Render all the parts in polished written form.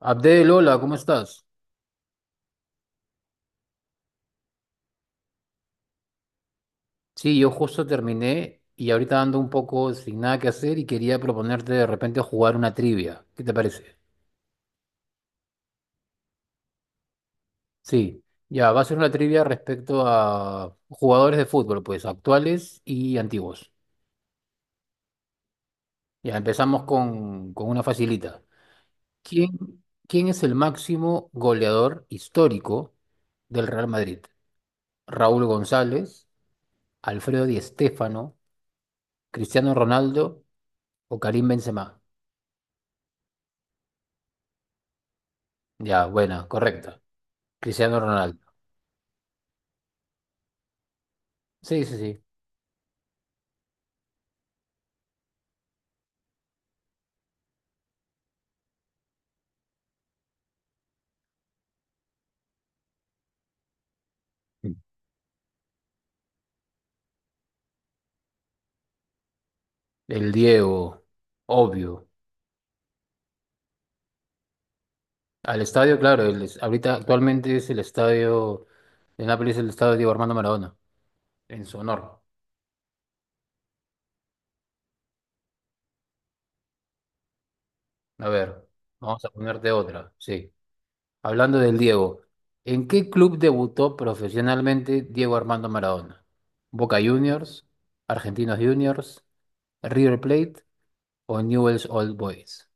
Abdel, hola, ¿cómo estás? Sí, yo justo terminé y ahorita ando un poco sin nada que hacer y quería proponerte de repente jugar una trivia. ¿Qué te parece? Sí, ya, va a ser una trivia respecto a jugadores de fútbol, pues actuales y antiguos. Ya, empezamos con una facilita. ¿Quién es el máximo goleador histórico del Real Madrid? ¿Raúl González, Alfredo Di Stéfano, Cristiano Ronaldo o Karim Benzema? Ya, buena, correcta. Cristiano Ronaldo. Sí, sí, sí. Mm. El Diego, obvio. Al estadio, claro, ahorita actualmente es el estadio, en Nápoles es el estadio Diego Armando Maradona, en su honor. A ver, vamos a ponerte otra, sí. Hablando del Diego, ¿en qué club debutó profesionalmente Diego Armando Maradona? ¿Boca Juniors, Argentinos Juniors, River Plate o Newell's Old Boys?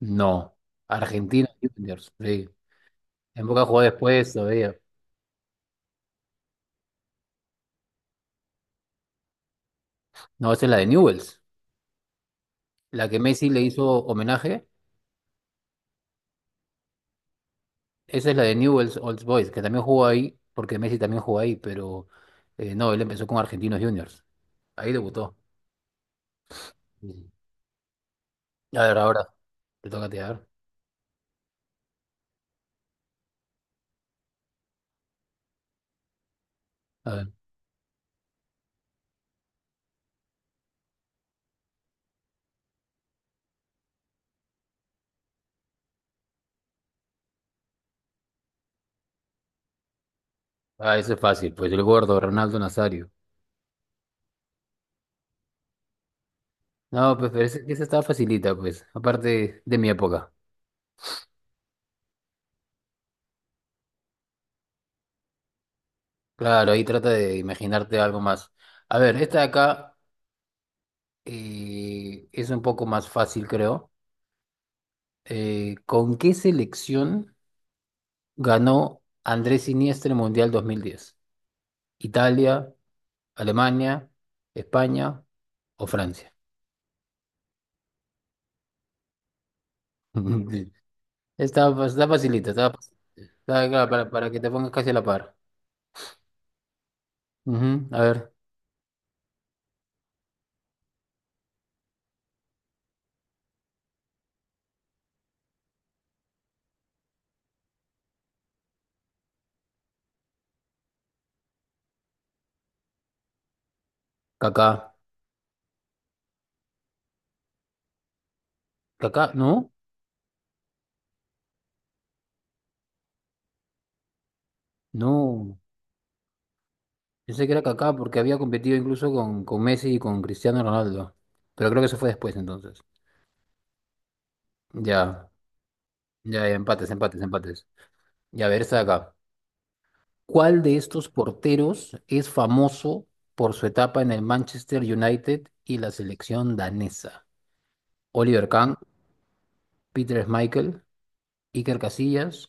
No, Argentinos Juniors, sí. En Boca jugó después todavía. No, esa es la de Newell's. La que Messi le hizo homenaje, esa es la de Newell's Old Boys, que también jugó ahí, porque Messi también jugó ahí, pero no, él empezó con Argentinos Juniors. Ahí debutó. Sí. A ver, ahora, te toca a ti, a ver. A ver. Ah, eso es fácil, pues el gordo, Ronaldo Nazario. No, pues pero esa estaba facilita, pues, aparte de mi época. Claro, ahí trata de imaginarte algo más. A ver, esta de acá es un poco más fácil, creo. ¿Con qué selección ganó Andrés Iniesta el Mundial 2010? Italia, Alemania, España o Francia. Está, está facilita, está acá para que te pongas casi a la par. Ujú. A ver, Kaká. Kaká, no, no. Yo sé que era Kaká porque había competido incluso con Messi y con Cristiano Ronaldo. Pero creo que eso fue después entonces. Ya, ya, empates, empates, empates. Ya, a ver, esta de acá. ¿Cuál de estos porteros es famoso por su etapa en el Manchester United y la selección danesa? Oliver Kahn, Peter Schmeichel, Iker Casillas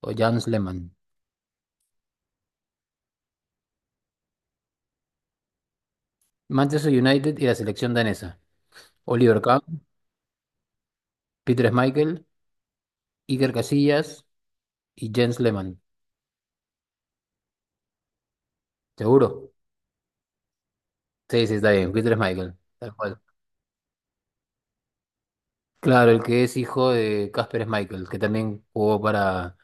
o Jens Lehmann. Manchester United y la selección danesa. Oliver Kahn, Peter Schmeichel, Iker Casillas y Jens Lehmann. ¿Seguro? Sí, sí, está bien. Peter Schmeichel. Tal cual. Claro, el que es hijo de Kasper Schmeichel, que también jugó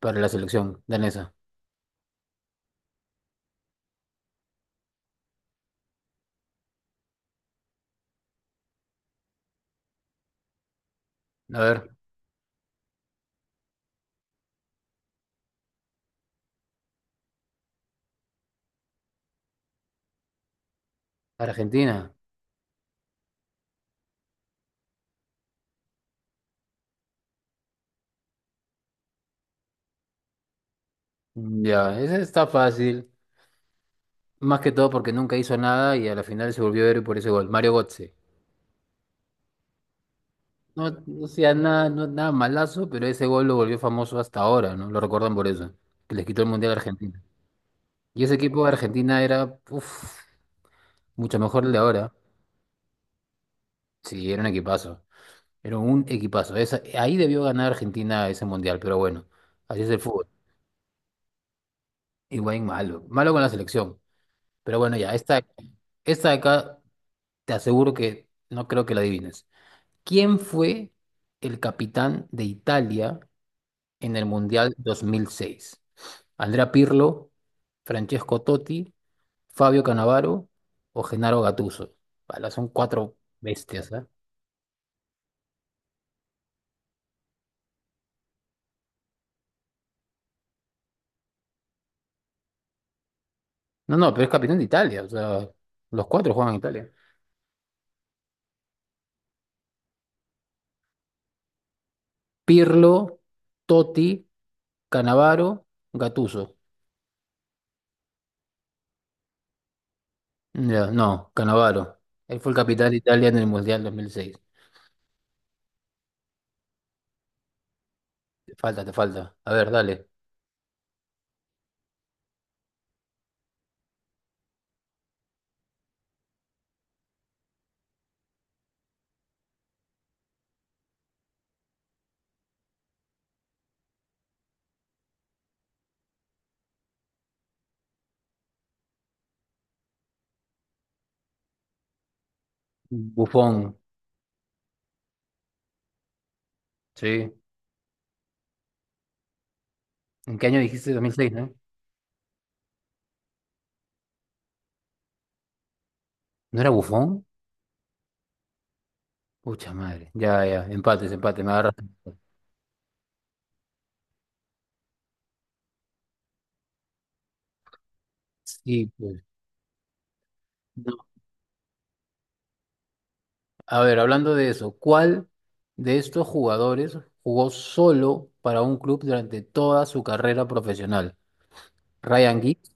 para la selección danesa. A ver, Argentina. Ya, ese está fácil. Más que todo porque nunca hizo nada y a la final se volvió héroe por ese gol. Mario Götze. No, no sea nada, no, nada malazo, pero ese gol lo volvió famoso hasta ahora, ¿no? Lo recuerdan por eso. Que les quitó el Mundial a Argentina. Y ese equipo de Argentina era, uf, mucho mejor el de ahora. Sí, era un equipazo. Era un equipazo. Ahí debió ganar Argentina ese Mundial, pero bueno, así es el fútbol. Igual malo. Malo con la selección. Pero bueno, ya, esta de acá te aseguro que no creo que la adivines. ¿Quién fue el capitán de Italia en el Mundial 2006? ¿Andrea Pirlo, Francesco Totti, Fabio Cannavaro o Gennaro Gattuso? Pala, son cuatro bestias, ¿ah? No, no, pero es capitán de Italia, o sea, los cuatro juegan en Italia. Pirlo, Totti, Cannavaro, Gattuso. Ya, no, Cannavaro. Él fue el capitán de Italia en el Mundial 2006. Te falta, te falta. A ver, dale. Bufón, sí. ¿En qué año dijiste 2006, no? ¿No era Bufón? Pucha madre. Ya, ya. Empates, empate. Me agarras. Sí, pues. No. A ver, hablando de eso, ¿cuál de estos jugadores jugó solo para un club durante toda su carrera profesional? ¿Ryan Giggs,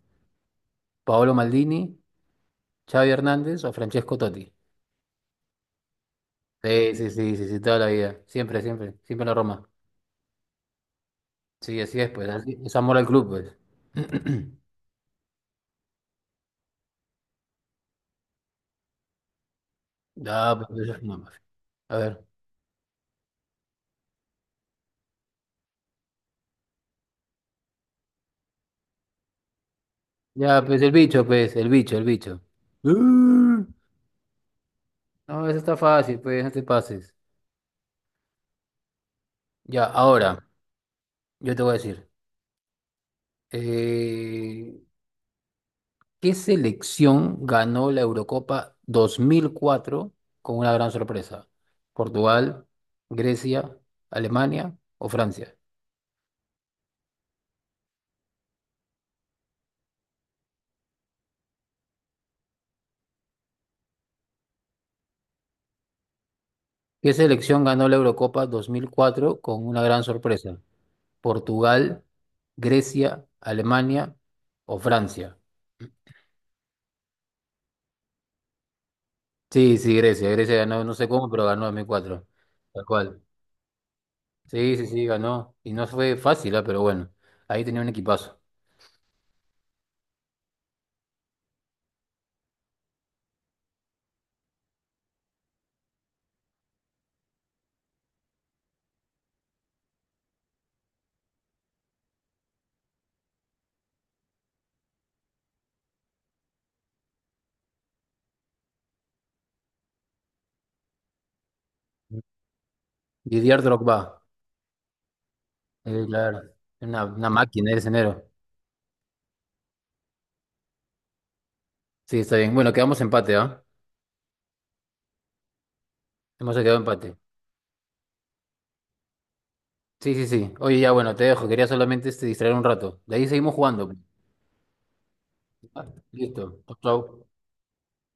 Paolo Maldini, Xavi Hernández o Francesco Totti? Sí, sí, sí, sí, sí, toda la vida. Siempre, siempre. Siempre en la Roma. Sí, así es, pues. Así, es amor al club, pues. Ah, pues, eso es una mafia. A ver. Ya, pues, el bicho, el bicho. ¡Ah! No, eso está fácil, pues no te pases. Ya, ahora, yo te voy a decir, eh, ¿qué selección ganó la Eurocopa 2004 con una gran sorpresa? ¿Portugal, Grecia, Alemania o Francia? ¿Qué selección ganó la Eurocopa 2004 con una gran sorpresa? ¿Portugal, Grecia, Alemania o Francia? Sí, sí, Grecia. Grecia ganó, no sé cómo, pero ganó 2004. Tal cual. Sí, sí, sí, ganó. Y no fue fácil, ah. Pero bueno, ahí tenía un equipazo. Didier Drogba, claro, una máquina el enero. Sí, está bien. Bueno, quedamos empate, ¿ah? Hemos quedado empate. Sí, sí, sí. Oye, ya, bueno, te dejo. Quería solamente este, distraer un rato. De ahí seguimos jugando. Ah, listo. Chau, chau.